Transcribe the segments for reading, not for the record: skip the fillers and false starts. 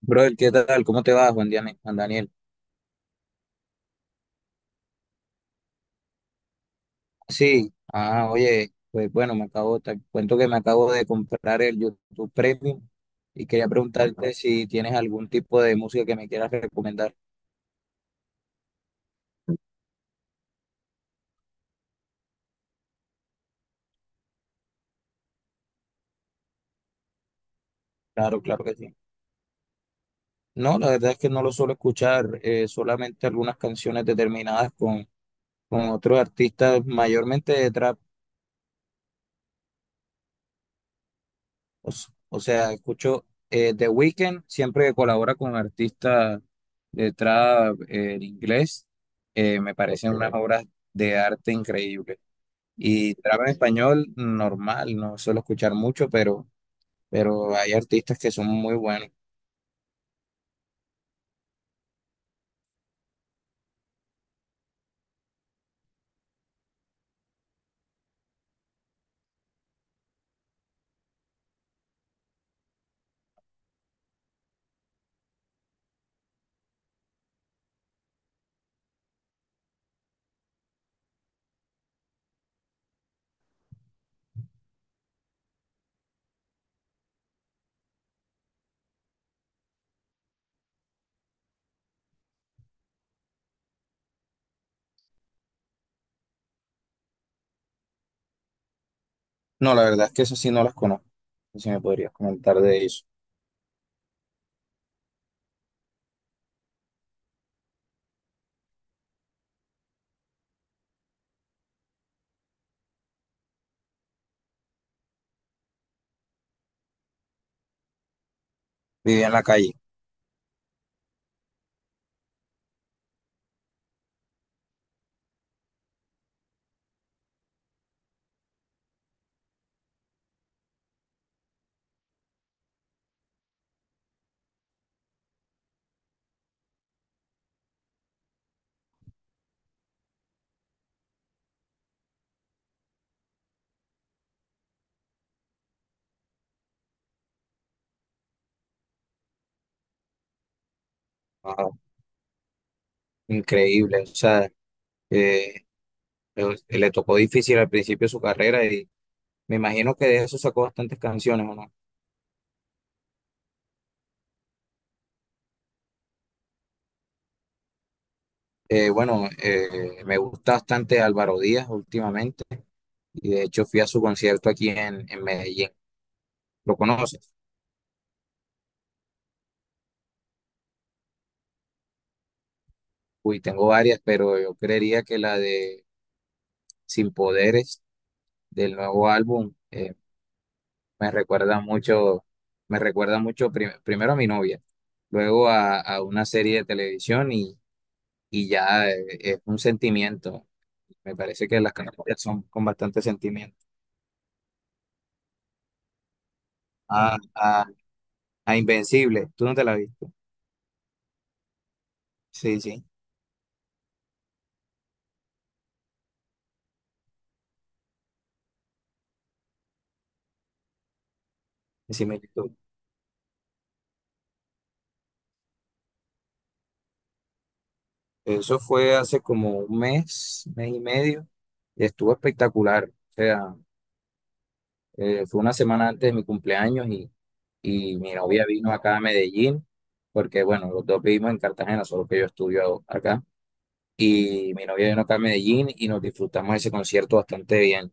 Brother, ¿qué tal? ¿Cómo te va, Juan Daniel? Sí, ah, oye, pues bueno, te cuento que me acabo de comprar el YouTube Premium y quería preguntarte si tienes algún tipo de música que me quieras recomendar. Claro, claro que sí. No, la verdad es que no lo suelo escuchar, solamente algunas canciones determinadas con otros artistas, mayormente de trap. O sea, escucho The Weeknd siempre que colabora con artistas de trap, en inglés, me parecen unas, Ok, obras de arte increíbles. Y trap en, Sí, español, normal, no suelo escuchar mucho, pero hay artistas que son muy buenos. No, la verdad es que eso sí no las conozco. No sé si me podrías comentar de eso. Vivía en la calle. Wow, increíble. O sea, eh, le tocó difícil al principio de su carrera y me imagino que de eso sacó bastantes canciones, ¿o no? Bueno, me gusta bastante Álvaro Díaz últimamente y de hecho fui a su concierto aquí en Medellín. ¿Lo conoces? Uy, tengo varias, pero yo creería que la de Sin Poderes del nuevo álbum, me recuerda mucho, me recuerda mucho primero a mi novia, luego a una serie de televisión y ya, es un sentimiento. Me parece que las canciones son con bastante sentimiento. A, a, a Invencible, ¿tú no te la viste? Sí, sí, sí, me Eso fue hace como un mes, mes y medio, y estuvo espectacular. O sea, fue una semana antes de mi cumpleaños y mi novia vino acá a Medellín, porque bueno, los dos vivimos en Cartagena, solo que yo estudio acá. Y mi novia vino acá a Medellín y nos disfrutamos ese concierto bastante bien.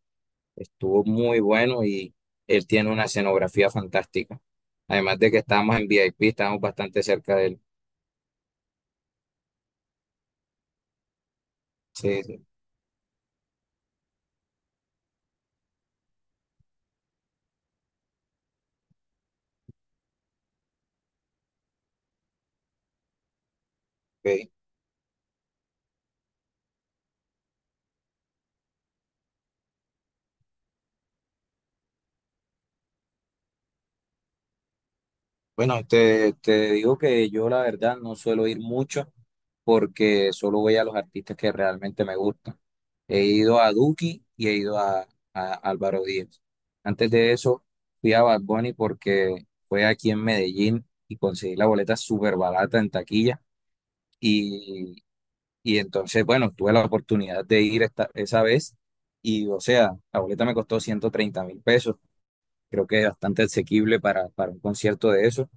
Estuvo muy bueno y él tiene una escenografía fantástica. Además de que estábamos en VIP, estábamos bastante cerca de él. Sí, sí. Ok. Bueno, te digo que yo la verdad no suelo ir mucho porque solo voy a los artistas que realmente me gustan. He ido a Duki y he ido a Álvaro Díaz. Antes de eso fui a Bad Bunny porque fue aquí en Medellín y conseguí la boleta súper barata en taquilla. Y, y entonces, bueno, tuve la oportunidad de ir esa vez y, o sea, la boleta me costó 130.000 pesos. Creo que es bastante asequible para un concierto de eso.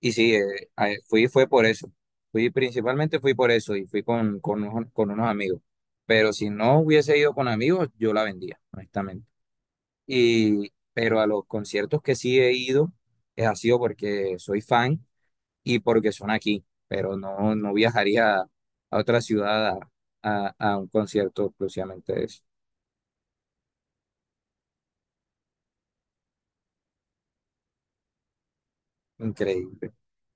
Y sí, a- fui fue por eso. Fui principalmente fui por eso y fui con unos amigos. Pero si no hubiese ido con amigos, yo la vendía, honestamente. Pero a los conciertos que sí he ido, es ha sido porque soy fan y porque son aquí. Pero no, no viajaría a otra ciudad a, a un concierto exclusivamente de eso. Increíble.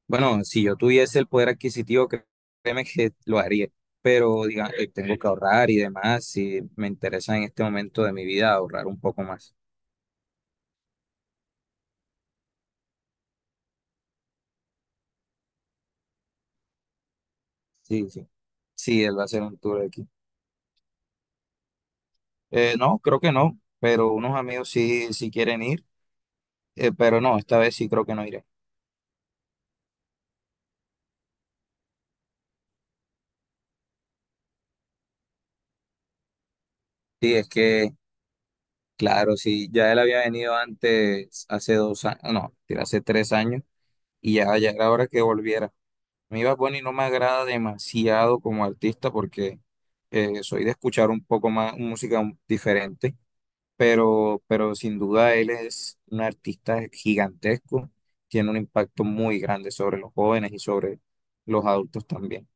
Bueno, si yo tuviese el poder adquisitivo, créeme que lo haría, pero diga, tengo que ahorrar y demás, si me interesa en este momento de mi vida ahorrar un poco más. Sí, sí. Sí, él va a hacer un tour aquí. No, creo que no, pero unos amigos sí, sí quieren ir, pero no, esta vez sí creo que no iré. Sí, es que, claro, sí, ya él había venido antes, hace 2 años, no, mentira, hace 3 años, y ya, ya era hora que volviera. A mí Bad Bunny no me agrada demasiado como artista porque soy de escuchar un poco más música diferente, pero sin duda él es un artista gigantesco, tiene un impacto muy grande sobre los jóvenes y sobre los adultos también.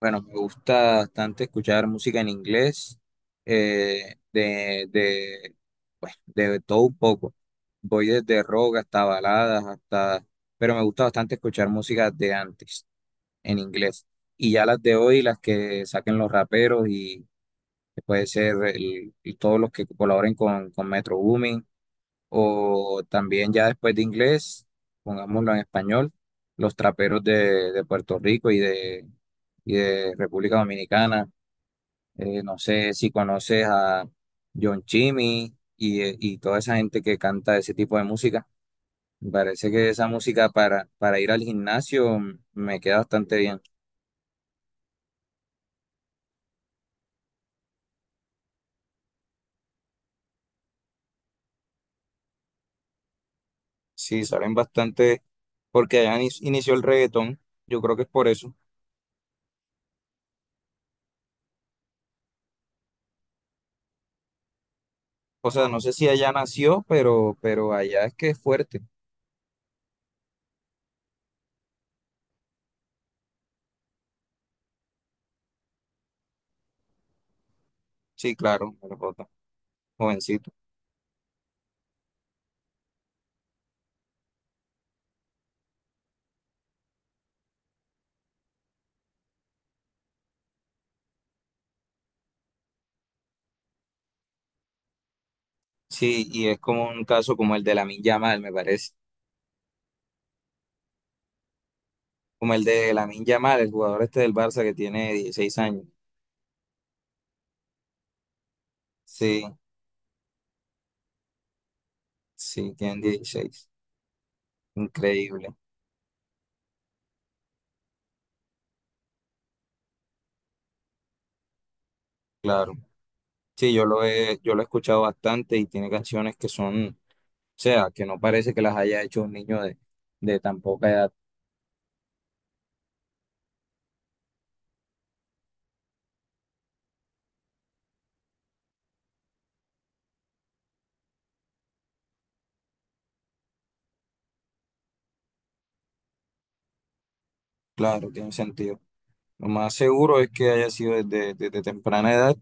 Bueno, me gusta bastante escuchar música en inglés, eh, de, de, pues, de todo un poco. Voy desde rock hasta baladas, pero me gusta bastante escuchar música de antes en inglés. Y ya las de hoy, las que saquen los raperos y que puede ser y todos los que colaboren con Metro Booming, o también ya después de inglés, pongámoslo en español, los traperos de Puerto Rico y de República Dominicana. No sé si conoces a John Chimmy y toda esa gente que canta ese tipo de música. Me parece que esa música para ir al gimnasio me queda bastante bien. Sí, salen bastante, porque allá inició el reggaetón, yo creo que es por eso. O sea, no sé si allá nació, pero allá es que es fuerte. Sí, claro, me lo jota, jovencito. Sí, y es como un caso como el de Lamine Yamal, me parece. Como el de Lamine Yamal, el jugador este del Barça que tiene 16 años. Sí, sí, tiene dieciséis. Increíble, claro. Sí, yo lo he escuchado bastante y tiene canciones que son, o sea, que no parece que las haya hecho un niño de tan poca edad. Claro, tiene sentido. Lo más seguro es que haya sido desde, desde temprana edad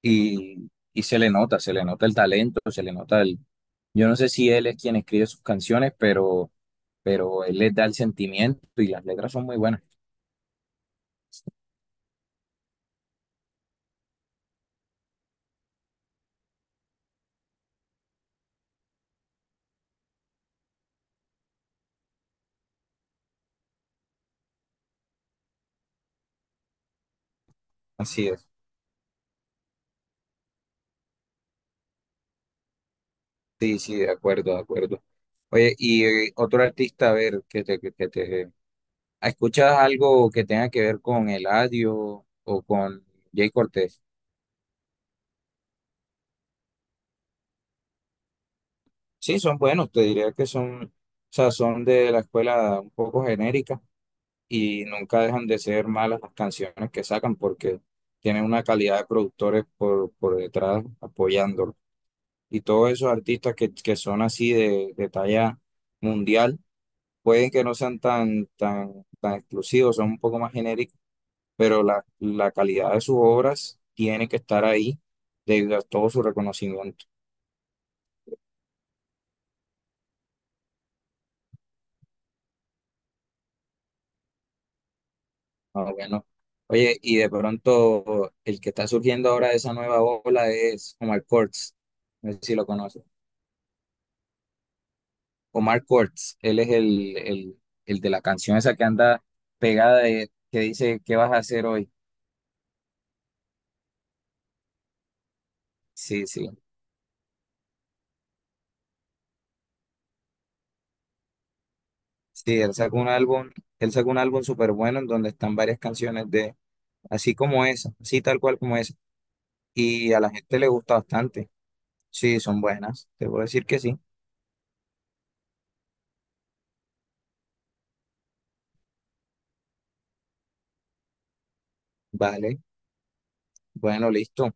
y se le nota el talento, se le nota. Yo no sé si él es quien escribe sus canciones, pero él les da el sentimiento y las letras son muy buenas. Así es. Sí, sí, de acuerdo, de acuerdo. Oye, y otro artista, a ver, que te... ¿Escuchas algo que tenga que ver con Eladio o con Jay Cortés? Sí, son buenos, te diría que son, o sea, son de la escuela un poco genérica y nunca dejan de ser malas las canciones que sacan porque tienen una calidad de productores por detrás apoyándolo. Y todos esos artistas que son así de talla mundial, pueden que no sean tan, tan, tan exclusivos, son un poco más genéricos, pero la calidad de sus obras tiene que estar ahí debido a todo su reconocimiento. Ah, bueno. Oye, y de pronto el que está surgiendo ahora de esa nueva ola es Omar Courtz. No sé si lo conoces. Omar Courtz, él es el de la canción esa que anda pegada que dice: ¿qué vas a hacer hoy? Sí, sí. Sí, él sacó un álbum súper bueno en donde están varias canciones así como esa, así tal cual como esa. Y a la gente le gusta bastante. Sí, son buenas. Te puedo decir que sí. Vale. Bueno, listo.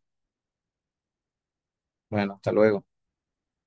Bueno, hasta luego.